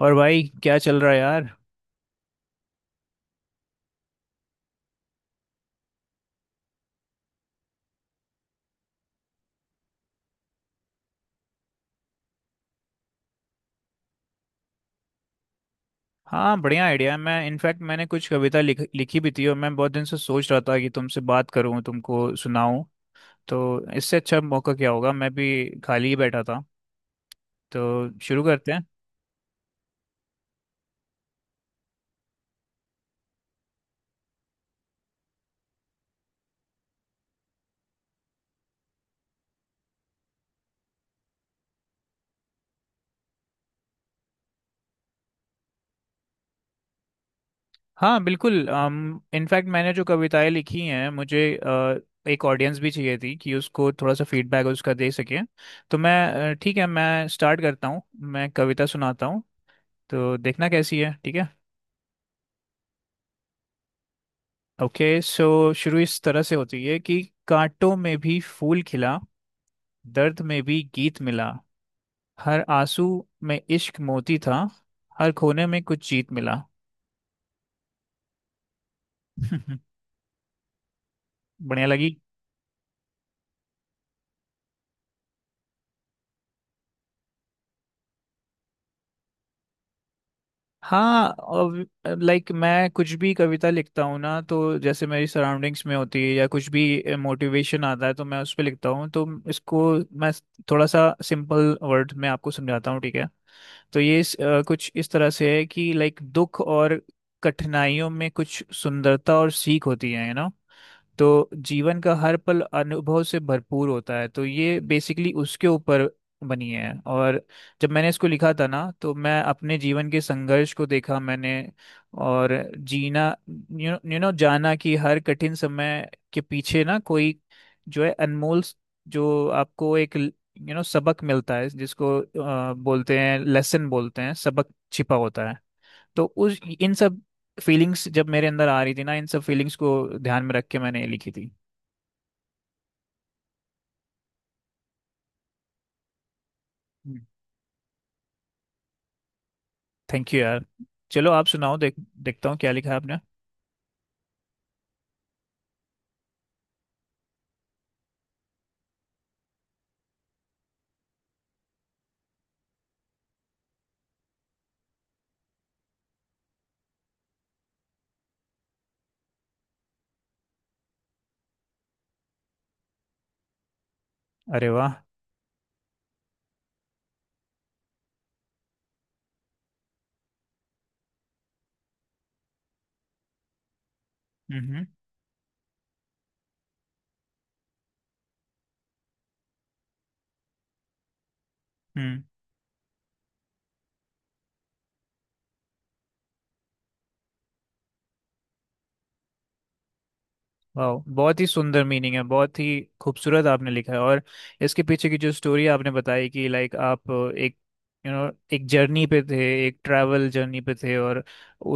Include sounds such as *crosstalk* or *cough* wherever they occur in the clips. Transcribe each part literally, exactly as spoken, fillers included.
और भाई क्या चल रहा है यार। हाँ बढ़िया आइडिया है। मैं इनफैक्ट मैंने कुछ कविता लिख, लिखी भी थी और मैं बहुत दिन से सोच रहा था कि तुमसे बात करूँ तुमको सुनाऊँ। तो इससे अच्छा मौका क्या होगा, मैं भी खाली ही बैठा था। तो शुरू करते हैं। हाँ बिल्कुल। इनफैक्ट मैंने जो कविताएं लिखी हैं, मुझे अ, एक ऑडियंस भी चाहिए थी कि उसको थोड़ा सा फीडबैक उसका दे सके। तो मैं अ, ठीक है मैं स्टार्ट करता हूँ, मैं कविता सुनाता हूँ, तो देखना कैसी है, ठीक है। ओके सो शुरू इस तरह से होती है कि कांटों में भी फूल खिला, दर्द में भी गीत मिला, हर आंसू में इश्क मोती था, हर खोने में कुछ जीत मिला। *laughs* बढ़िया लगी। हाँ। लाइक मैं कुछ भी कविता लिखता हूँ ना, तो जैसे मेरी सराउंडिंग्स में होती है या कुछ भी मोटिवेशन आता है तो मैं उस पर लिखता हूँ। तो इसको मैं थोड़ा सा सिंपल वर्ड में आपको समझाता हूँ, ठीक है। तो ये इस, अ, कुछ इस तरह से है कि लाइक दुख और कठिनाइयों में कुछ सुंदरता और सीख होती है, यू नो। तो जीवन का हर पल अनुभव से भरपूर होता है। तो ये बेसिकली उसके ऊपर बनी है। और जब मैंने इसको लिखा था ना, तो मैं अपने जीवन के संघर्ष को देखा मैंने और जीना यू नो you know, जाना कि हर कठिन समय के पीछे ना कोई जो है अनमोल स- जो आपको एक यू नो सबक मिलता है, जिसको अ, बोलते हैं लेसन बोलते हैं सबक छिपा होता है। तो उस इन सब फीलिंग्स जब मेरे अंदर आ रही थी ना, इन सब फीलिंग्स को ध्यान में रख के मैंने ये लिखी थी। थैंक यू यार। चलो आप सुनाओ, देख, देखता हूँ क्या लिखा है आपने। अरे वाह। हम्म हम्म। वाह बहुत ही सुंदर मीनिंग है, बहुत ही खूबसूरत आपने लिखा है। और इसके पीछे की जो स्टोरी आपने बताई कि लाइक आप एक यू you नो एक जर्नी पे थे, एक ट्रैवल जर्नी पे थे और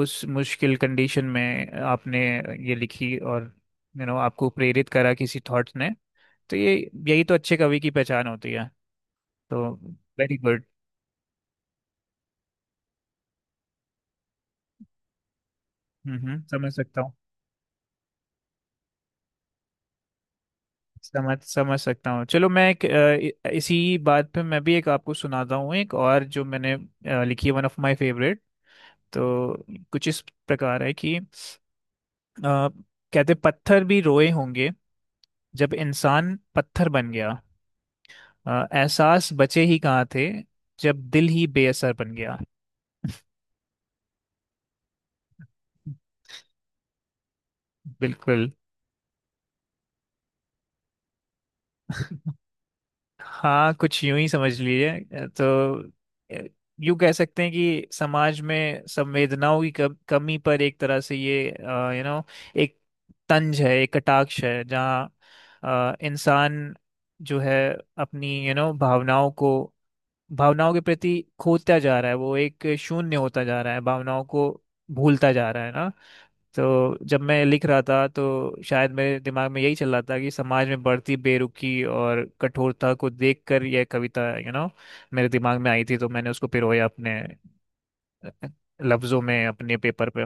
उस मुश्किल कंडीशन में आपने ये लिखी और यू you नो आपको प्रेरित करा किसी थॉट्स ने। तो ये यही तो अच्छे कवि की पहचान होती है। तो वेरी गुड। हम्म हम्म, समझ सकता हूँ। समझ समझ सकता हूँ। चलो मैं एक, अ, इ- इसी बात पे मैं भी एक आपको सुनाता हूँ, एक और जो मैंने अ, लिखी है, वन ऑफ माय फेवरेट। तो कुछ इस प्रकार है कि अ, कहते पत्थर भी रोए होंगे, जब इंसान पत्थर बन गया, अ, एहसास बचे ही कहाँ थे, जब दिल ही बेअसर बन गया। बिल्कुल। हाँ कुछ यूं ही समझ लीजिए। तो अ, यूं कह सकते हैं कि समाज में संवेदनाओं की कम, कमी पर एक तरह से ये यू नो एक तंज है एक कटाक्ष है, जहाँ अ, इंसान जो है अपनी यू नो भावनाओं को भावनाओं के प्रति खोता जा रहा है, वो एक शून्य होता जा रहा है, भावनाओं को भूलता जा रहा है ना। तो जब मैं लिख रहा था तो शायद मेरे दिमाग में यही चल रहा था कि समाज में बढ़ती बेरुखी और कठोरता को देखकर यह कविता यू नो मेरे दिमाग में आई थी। तो मैंने उसको पिरोया अपने अ, लफ्जों में, अपने पेपर पे।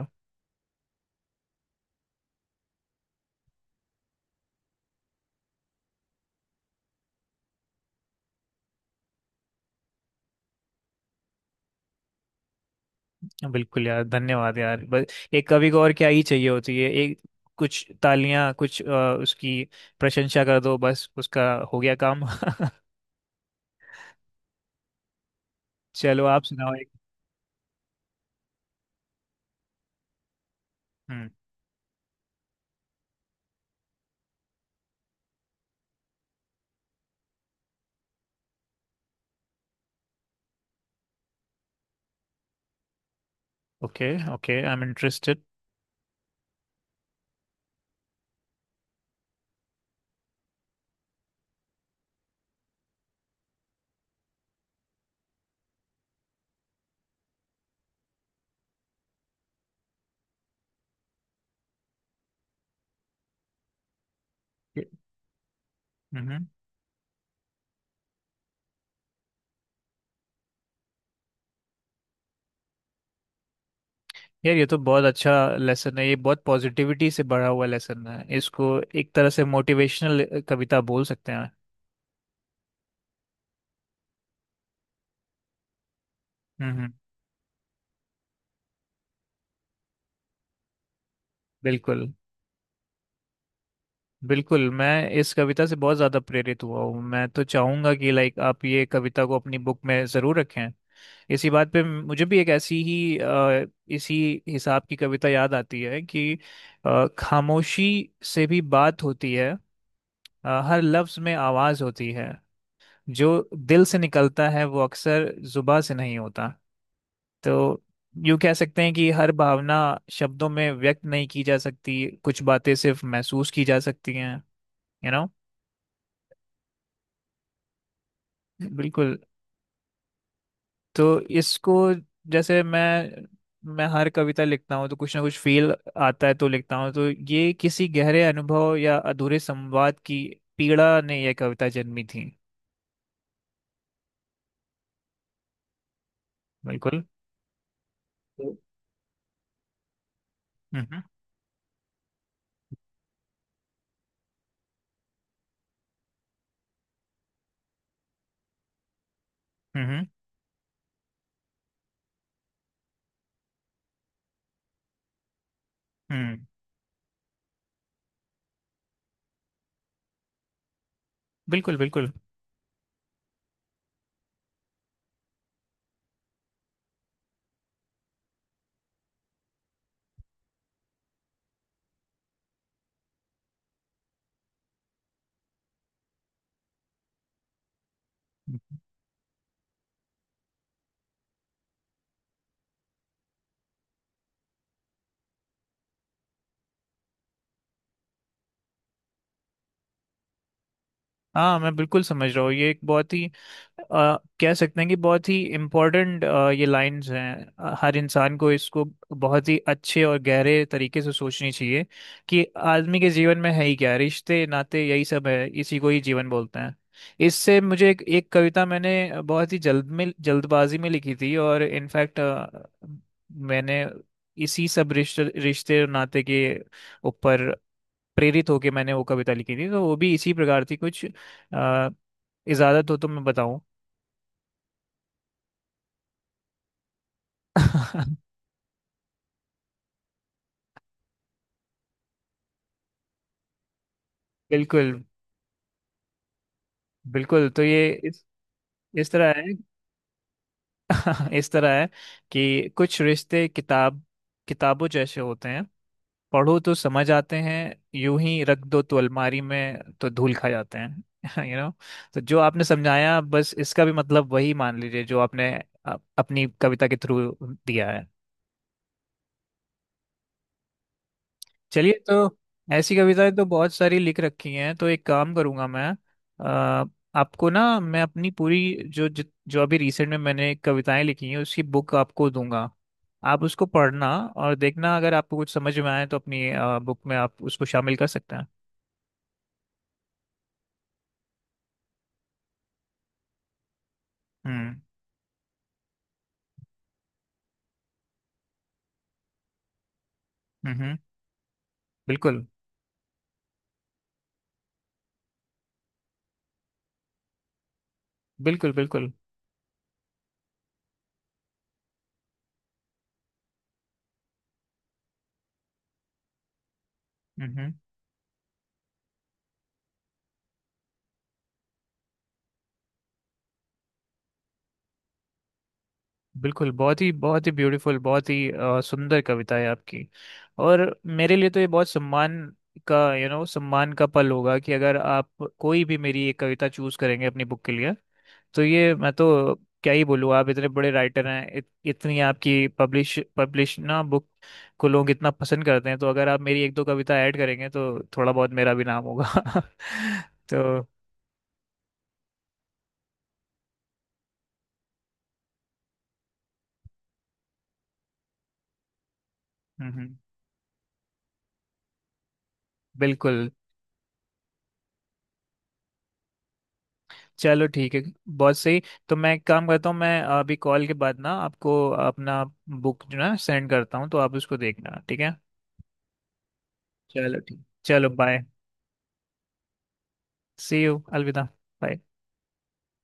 बिल्कुल यार, धन्यवाद यार। बस एक कवि को और क्या ही चाहिए होती है, एक कुछ तालियां कुछ अ, उसकी प्रशंसा कर दो, बस उसका हो गया काम। *laughs* चलो आप सुनाओ एक। Hmm. Okay. Okay I am interested. यार ये तो बहुत अच्छा लेसन है, ये बहुत पॉजिटिविटी से भरा हुआ लेसन है, इसको एक तरह से मोटिवेशनल कविता बोल सकते हैं। हम्म हम्म, बिल्कुल बिल्कुल। मैं इस कविता से बहुत ज़्यादा प्रेरित हुआ हूँ, मैं तो चाहूँगा कि लाइक आप ये कविता को अपनी बुक में ज़रूर रखें। इसी बात पे मुझे भी एक ऐसी ही अ, इसी हिसाब की कविता याद आती है कि अ, खामोशी से भी बात होती है, अ, हर लफ्ज़ में आवाज़ होती है, जो दिल से निकलता है वो अक्सर जुबा से नहीं होता। तो यूँ कह सकते हैं कि हर भावना शब्दों में व्यक्त नहीं की जा सकती, कुछ बातें सिर्फ महसूस की जा सकती हैं, यू नो। बिल्कुल। तो इसको जैसे मैं मैं हर कविता लिखता हूँ तो कुछ ना कुछ फील आता है तो लिखता हूँ। तो ये किसी गहरे अनुभव या अधूरे संवाद की पीड़ा ने यह कविता जन्मी थी। बिल्कुल। हम्म हम्म। हम्म हम्म, बिल्कुल बिल्कुल हाँ मैं बिल्कुल समझ रहा हूँ। ये एक बहुत ही अ, कह सकते हैं कि बहुत ही इम्पोर्टेंट ये लाइंस हैं, अ, हर इंसान को इसको बहुत ही अच्छे और गहरे तरीके से सोचनी चाहिए कि आदमी के जीवन में है ही क्या, रिश्ते नाते यही सब है, इसी को ही जीवन बोलते हैं। इससे मुझे एक, एक कविता मैंने बहुत ही जल्द में जल्दबाजी में लिखी थी और इनफैक्ट मैंने इसी सब रिश्ते रिश्ते और नाते के ऊपर प्रेरित होके मैंने वो कविता लिखी थी। तो वो भी इसी प्रकार थी कुछ। अ, इजाजत हो तो मैं बताऊं। *laughs* बिल्कुल बिल्कुल। तो ये इस इस तरह है। *laughs* इस तरह है कि कुछ रिश्ते किताब किताबों जैसे होते हैं, पढ़ो तो समझ आते हैं, यूं ही रख दो तो अलमारी में तो धूल खा जाते हैं। *laughs* You know. तो जो आपने समझाया बस इसका भी मतलब वही मान लीजिए जो आपने अ- अपनी कविता के थ्रू दिया है। चलिए। तो ऐसी कविताएं तो बहुत सारी लिख रखी हैं, तो एक काम करूंगा मैं। अ, आपको ना मैं अपनी पूरी जो जित- जो अभी रिसेंट में मैंने कविताएं लिखी हैं उसकी बुक आपको दूंगा, आप उसको पढ़ना और देखना अगर आपको कुछ समझ में आए तो अपनी बुक में आप उसको शामिल कर सकते हैं। हम्म हम्म हम्म, बिल्कुल बिल्कुल बिल्कुल। हम्म हम्म। बिल्कुल बहुत ही बहुत ही ब्यूटीफुल, बहुत ही अ, सुंदर कविता है आपकी। और मेरे लिए तो ये बहुत सम्मान का यू नो सम्मान का पल होगा कि अगर आप कोई भी मेरी एक कविता चूज करेंगे अपनी बुक के लिए। तो ये मैं तो क्या ही बोलूँ, आप इतने बड़े राइटर हैं, इत, इतनी आपकी पब्लिश पब्लिश ना बुक को लोग इतना पसंद करते हैं। तो अगर आप मेरी एक दो कविता ऐड करेंगे तो थोड़ा बहुत मेरा भी नाम होगा। *laughs* तो हम्म, हम्म, बिल्कुल। चलो ठीक है, बहुत सही। तो मैं एक काम करता हूँ, मैं अभी कॉल के बाद ना आपको अपना बुक जो ना सेंड करता हूँ, तो आप उसको देखना, ठीक है। चलो ठीक, चलो बाय। सी यू, अलविदा। Bye.